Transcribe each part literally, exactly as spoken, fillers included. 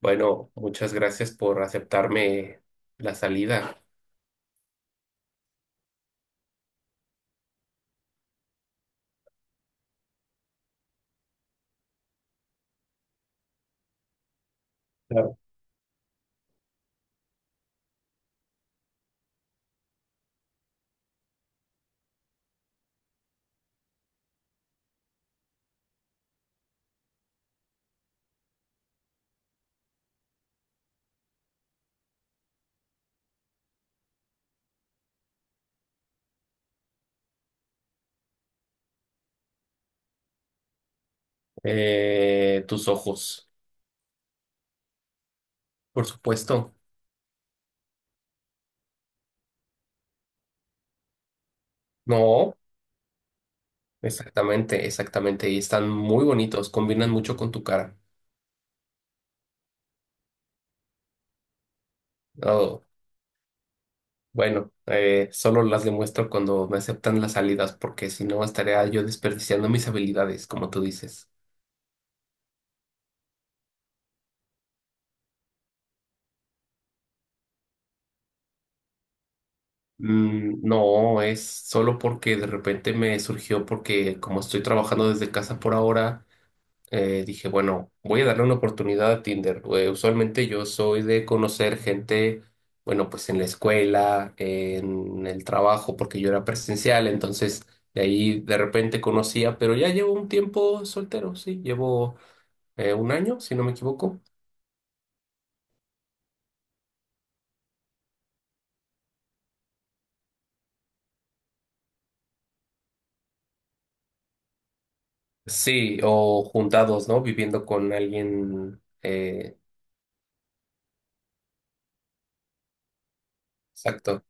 Bueno, muchas gracias por aceptarme la salida. Claro. Eh, tus ojos, por supuesto. No, exactamente, exactamente. Y están muy bonitos, combinan mucho con tu cara. Oh, bueno, eh, solo las demuestro cuando me aceptan las salidas, porque si no estaría yo desperdiciando mis habilidades, como tú dices. Mm, no, es solo porque de repente me surgió, porque como estoy trabajando desde casa por ahora. Eh, dije, bueno, voy a darle una oportunidad a Tinder. Eh, usualmente yo soy de conocer gente, bueno, pues en la escuela, en el trabajo, porque yo era presencial, entonces de ahí de repente conocía, pero ya llevo un tiempo soltero, sí, llevo eh, un año, si no me equivoco. Sí, o juntados, ¿no? Viviendo con alguien, eh, exacto.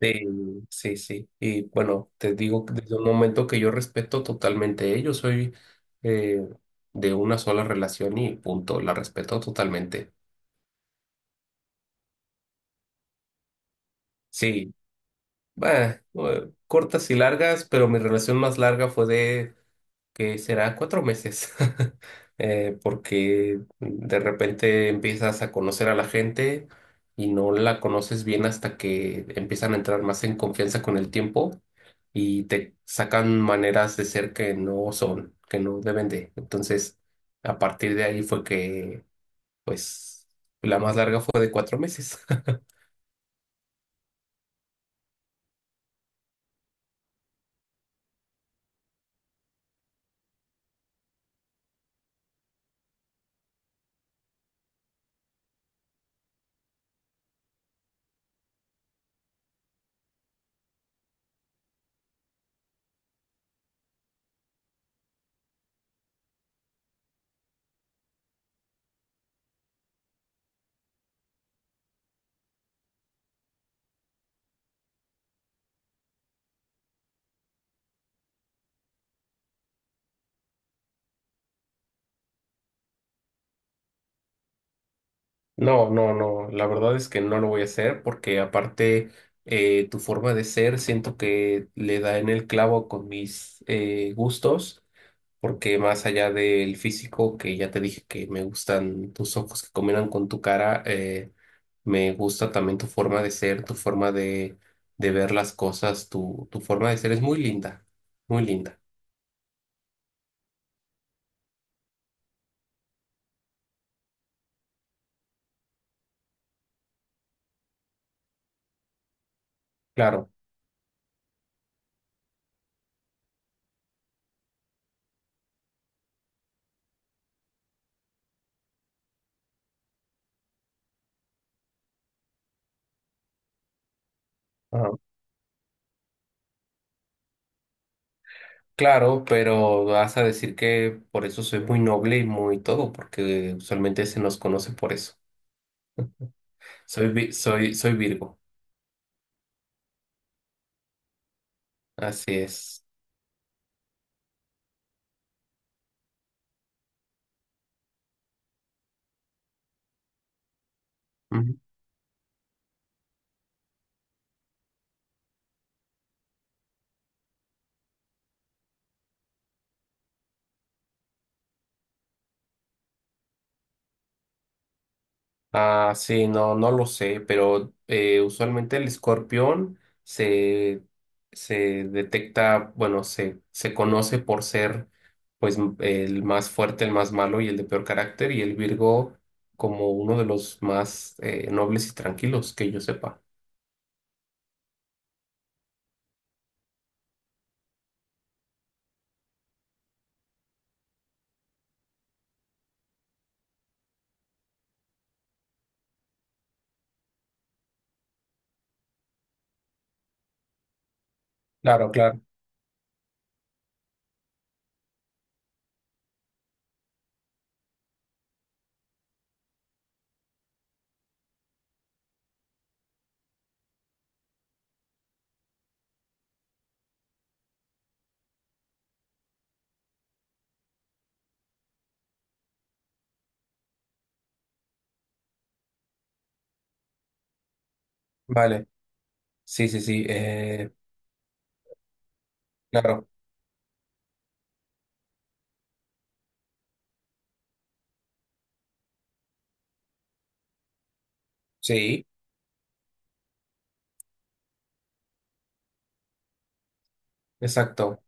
Sí, sí, sí. Y bueno, te digo que desde un momento que yo respeto totalmente. Yo soy eh, de una sola relación y punto, la respeto totalmente. Sí, bah, eh, cortas y largas, pero mi relación más larga fue de que será cuatro meses, eh, porque de repente empiezas a conocer a la gente y no la conoces bien hasta que empiezan a entrar más en confianza con el tiempo y te sacan maneras de ser que no son, que no deben de. Entonces, a partir de ahí fue que, pues, la más larga fue de cuatro meses. No, no, no, la verdad es que no lo voy a hacer porque aparte eh, tu forma de ser siento que le da en el clavo con mis eh, gustos, porque más allá del físico, que ya te dije que me gustan tus ojos que combinan con tu cara, eh, me gusta también tu forma de ser, tu forma de, de ver las cosas, tu, tu forma de ser es muy linda, muy linda. Claro. Claro, pero vas a decir que por eso soy muy noble y muy todo, porque usualmente se nos conoce por eso. Soy, vi- soy, soy Virgo, así es. Ujú. Ah, sí, no, no lo sé, pero eh, usualmente el escorpión se, se detecta, bueno, se, se conoce por ser pues m- el más fuerte, el más malo y el de peor carácter, y el Virgo como uno de los más eh, nobles y tranquilos que yo sepa. Claro, claro. Vale. Sí, sí, sí, eh, claro, sí, exacto,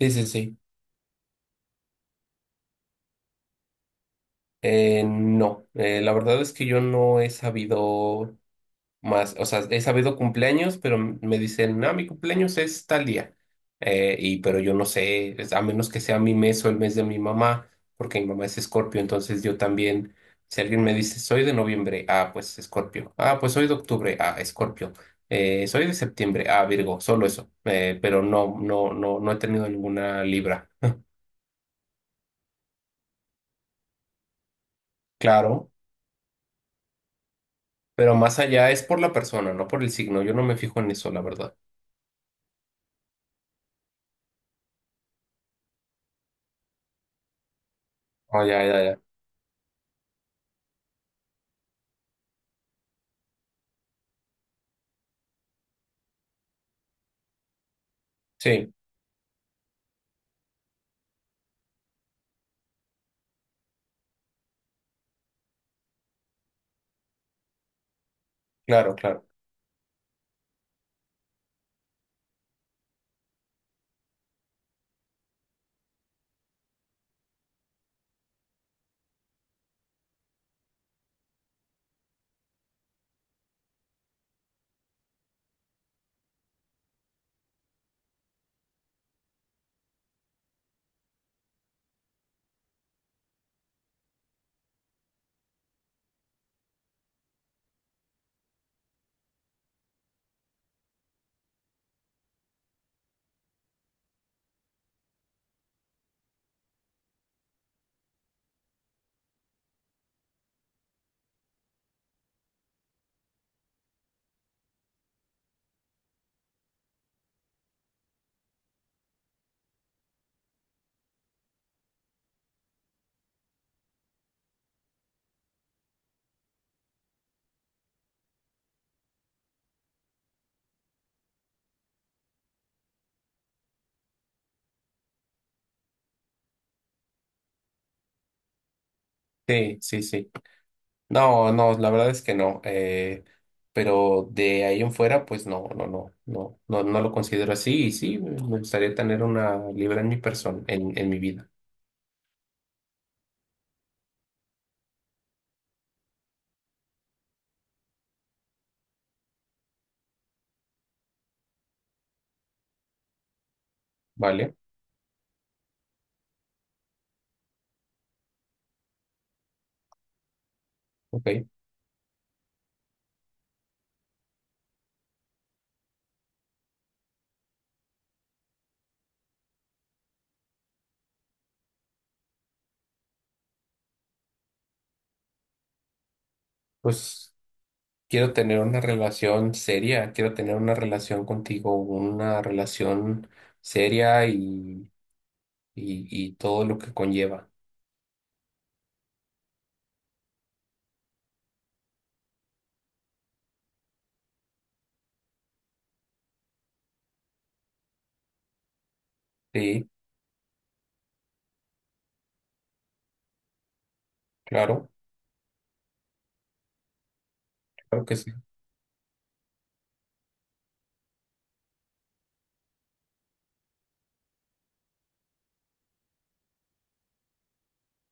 sí, sí, sí. Eh, no, eh, la verdad es que yo no he sabido. Más, o sea, he sabido cumpleaños, pero m- me dicen, no, mi cumpleaños es tal día. Eh, y pero yo no sé, es- a menos que sea mi mes o el mes de mi mamá, porque mi mamá es Escorpio, entonces yo también, si alguien me dice, soy de noviembre, ah, pues Escorpio. Ah, pues soy de octubre, ah, Escorpio. Eh, soy de septiembre, ah, Virgo, solo eso. Eh, pero no, no, no, no he tenido ninguna Libra. Claro, pero más allá es por la persona, no por el signo. Yo no me fijo en eso, la verdad. Ah, ya, ya, ya. Sí, claro, claro. Sí, sí, sí. No, no, la verdad es que no. Eh, pero de ahí en fuera, pues no, no, no, no, no, no lo considero así. Y sí, me me gustaría tener una libra en mi persona, en, en mi vida. ¿Vale? Ok. Pues quiero tener una relación seria, quiero tener una relación contigo, una relación seria y, y, y todo lo que conlleva. Sí, claro, claro que sí.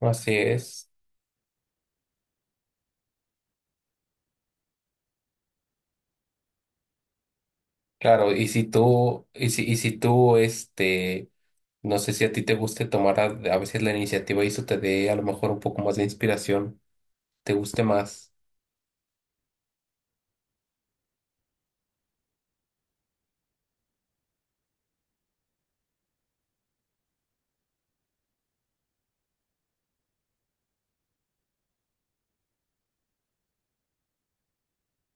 Así es. Claro, y si tú, y si, y si tú, este, no sé si a ti te guste tomar a, a veces la iniciativa y eso te dé a lo mejor un poco más de inspiración, te guste más.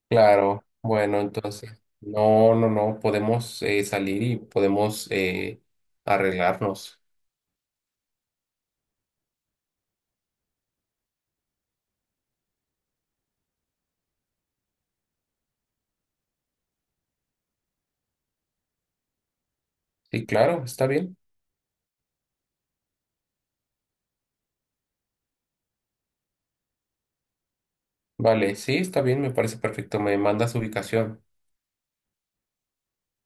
Claro, bueno, entonces, no, no, no, podemos eh, salir y podemos eh, arreglarnos. Sí, claro, está bien. Vale, sí, está bien, me parece perfecto. Me mandas ubicación.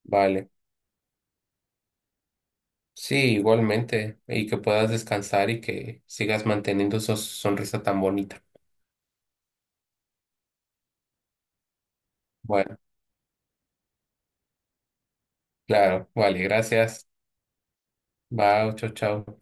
Vale. Sí, igualmente. Y que puedas descansar y que sigas manteniendo esa sonrisa tan bonita. Bueno, claro, vale, gracias. Bye, chao, chao.